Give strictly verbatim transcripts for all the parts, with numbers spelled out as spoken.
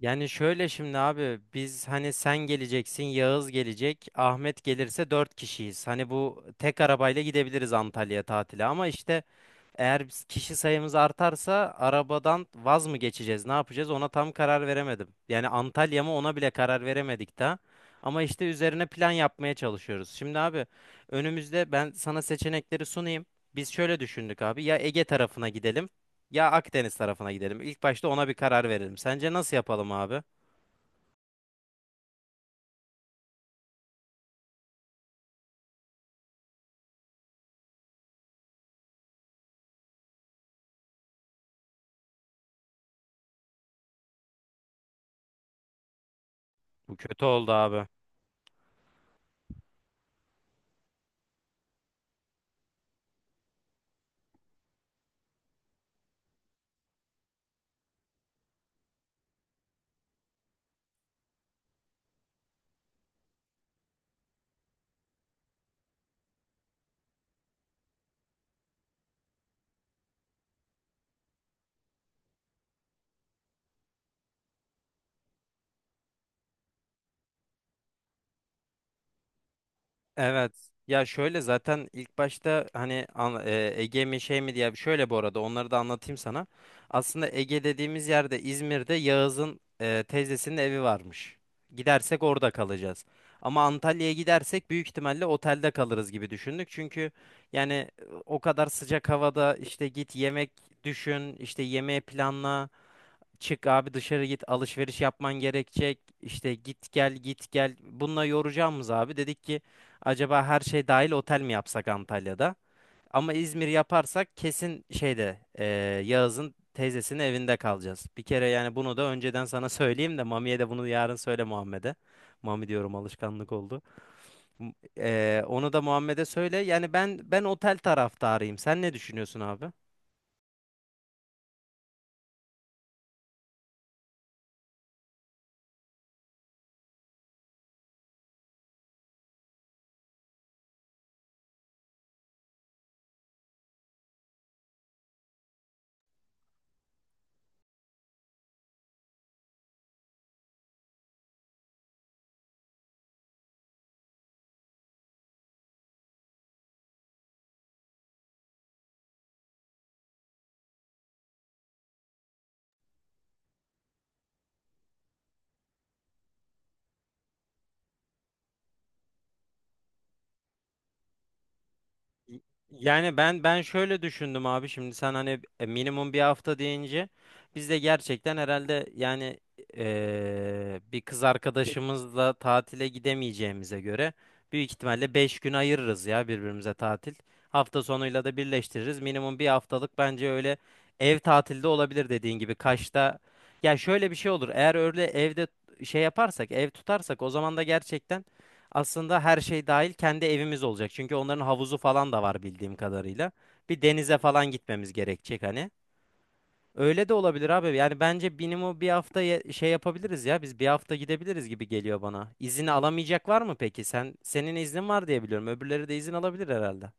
Yani şöyle şimdi abi biz hani sen geleceksin, Yağız gelecek, Ahmet gelirse dört kişiyiz. Hani bu tek arabayla gidebiliriz Antalya'ya tatile ama işte eğer biz- kişi sayımız artarsa arabadan vaz mı geçeceğiz? Ne yapacağız? Ona tam karar veremedim. Yani Antalya mı ona bile karar veremedik daha. Ama işte üzerine plan yapmaya çalışıyoruz. Şimdi abi önümüzde ben sana seçenekleri sunayım. Biz şöyle düşündük abi. Ya Ege tarafına gidelim ya Akdeniz tarafına gidelim. İlk başta ona bir karar verelim. Sence nasıl yapalım abi? Bu kötü oldu abi. Evet. Ya şöyle zaten ilk başta hani an- e, Ege mi şey mi diye şöyle bu arada onları da anlatayım sana. Aslında Ege dediğimiz yerde İzmir'de Yağız'ın e, teyzesinin evi varmış. Gidersek orada kalacağız. Ama Antalya'ya gidersek büyük ihtimalle otelde kalırız gibi düşündük. Çünkü yani e, o kadar sıcak havada işte git yemek düşün, işte yemeği planla. Çık abi dışarı git alışveriş yapman gerekecek işte git gel git gel bununla yoracağımız abi dedik ki acaba her şey dahil otel mi yapsak Antalya'da ama İzmir yaparsak kesin şeyde eee, Yağız'ın teyzesinin evinde kalacağız bir kere yani bunu da önceden sana söyleyeyim de Mami'ye de bunu yarın söyle Muhammed'e. Mami diyorum alışkanlık oldu. M- eee, onu da Muhammed'e söyle yani ben ben otel taraftarıyım, sen ne düşünüyorsun abi? Yani ben ben şöyle düşündüm abi, şimdi sen hani e, minimum bir hafta deyince biz de gerçekten herhalde yani e, bir kız arkadaşımızla tatile gidemeyeceğimize göre büyük ihtimalle beş gün ayırırız ya birbirimize tatil. Hafta sonuyla da birleştiririz. Minimum bir haftalık bence öyle ev tatilde olabilir dediğin gibi Kaş'ta. Ya şöyle bir şey olur. Eğer öyle evde şey yaparsak, ev tutarsak o zaman da gerçekten aslında her şey dahil kendi evimiz olacak. Çünkü onların havuzu falan da var bildiğim kadarıyla. Bir denize falan gitmemiz gerekecek hani. Öyle de olabilir abi. Yani bence minimum bir hafta ye- şey yapabiliriz ya. Biz bir hafta gidebiliriz gibi geliyor bana. İzin alamayacak var mı peki? Sen senin iznin var diye biliyorum. Öbürleri de izin alabilir herhalde.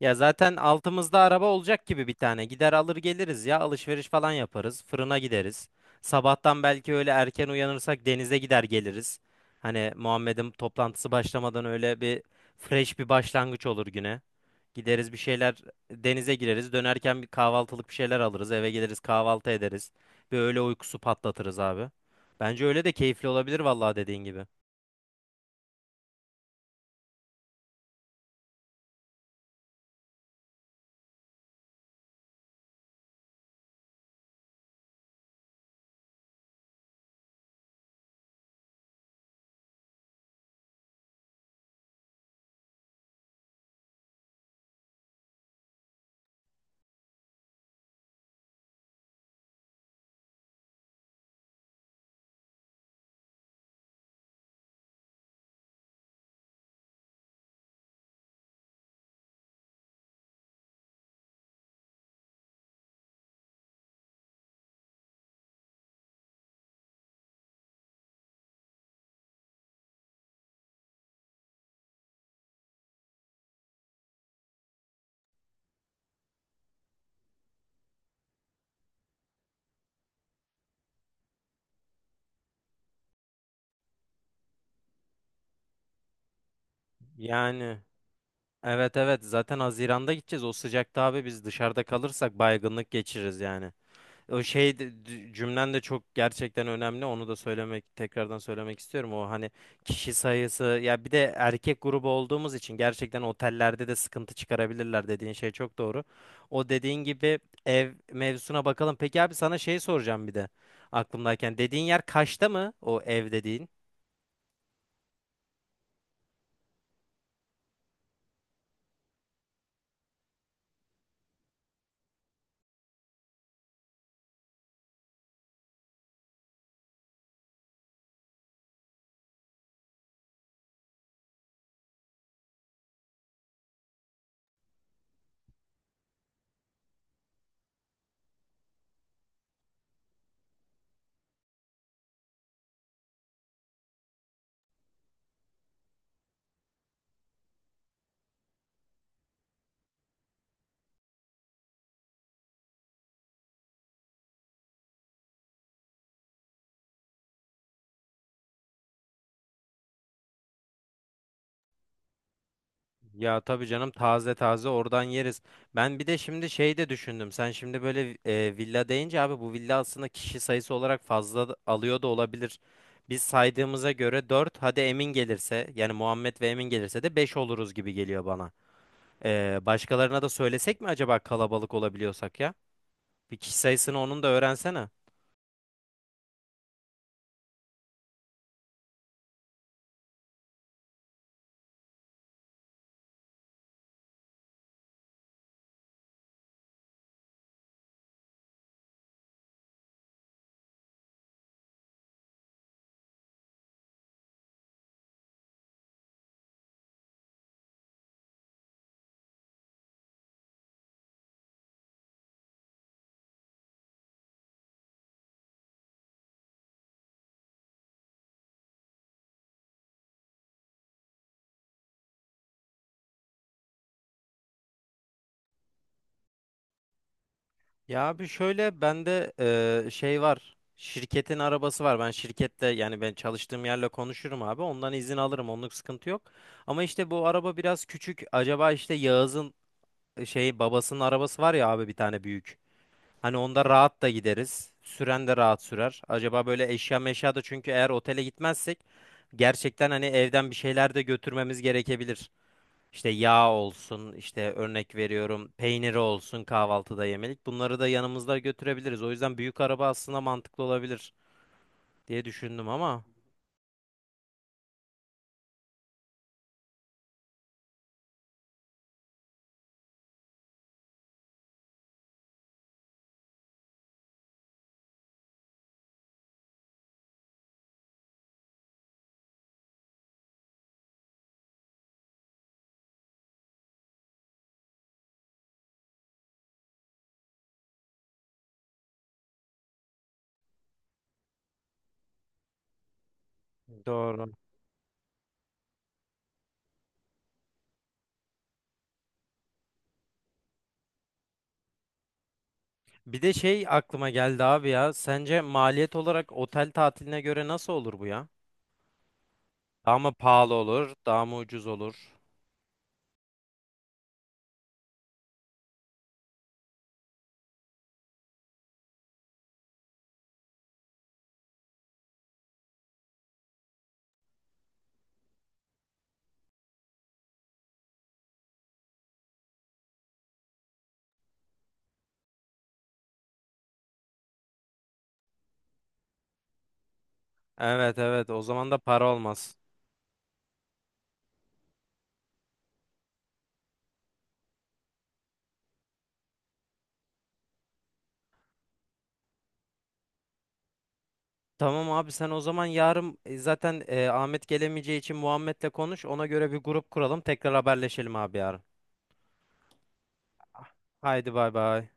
Ya zaten altımızda araba olacak gibi bir tane. Gider alır geliriz ya. Alışveriş falan yaparız. Fırına gideriz. Sabahtan belki öyle erken uyanırsak denize gider geliriz. Hani Muhammed'in toplantısı başlamadan öyle bir fresh bir başlangıç olur güne. Gideriz bir şeyler, denize gireriz. Dönerken bir kahvaltılık bir şeyler alırız. Eve geliriz kahvaltı ederiz. Bir öğle uykusu patlatırız abi. Bence öyle de keyifli olabilir vallahi dediğin gibi. Yani Evet, evet, zaten Haziran'da gideceğiz. O sıcakta abi biz dışarıda kalırsak baygınlık geçiririz yani. O şey de- d- Cümlen de çok gerçekten önemli. Onu da söylemek tekrardan söylemek istiyorum. O hani kişi sayısı ya bir de erkek grubu olduğumuz için gerçekten otellerde de sıkıntı çıkarabilirler dediğin şey çok doğru. O dediğin gibi ev mevzusuna bakalım. Peki abi sana şey soracağım bir de aklımdayken. Dediğin yer Kaş'ta mı o ev dediğin? Ya tabii canım taze taze oradan yeriz. Ben bir de şimdi şey de düşündüm. Sen şimdi böyle e, villa deyince abi, bu villa aslında kişi sayısı olarak fazla da- alıyor da olabilir. Biz saydığımıza göre dört, hadi Emin gelirse yani Muhammed ve Emin gelirse de beş oluruz gibi geliyor bana. E, başkalarına da söylesek mi acaba kalabalık olabiliyorsak ya? Bir kişi sayısını onun da öğrensene. Ya abi şöyle bende eee, şey var. Şirketin arabası var. Ben şirkette yani ben çalıştığım yerle konuşurum abi. Ondan izin alırım. Onluk sıkıntı yok. Ama işte bu araba biraz küçük. Acaba işte Yağız'ın e, şey babasının arabası var ya abi, bir tane büyük. Hani onda rahat da gideriz. Süren de rahat sürer. Acaba böyle eşya meşya da, çünkü eğer otele gitmezsek gerçekten hani evden bir şeyler de götürmemiz gerekebilir. İşte yağ olsun, işte örnek veriyorum peyniri olsun kahvaltıda yemelik. Bunları da yanımızda götürebiliriz. O yüzden büyük araba aslında mantıklı olabilir diye düşündüm ama doğru. Bir de şey aklıma geldi abi ya. Sence maliyet olarak otel tatiline göre nasıl olur bu ya? Daha mı pahalı olur, daha mı ucuz olur? Evet, evet, o zaman da para olmaz. Tamam abi, sen o zaman yarın e, zaten e, Ahmet gelemeyeceği için Muhammed'le konuş. Ona göre bir grup kuralım. Tekrar haberleşelim abi yarın. Haydi bay bay.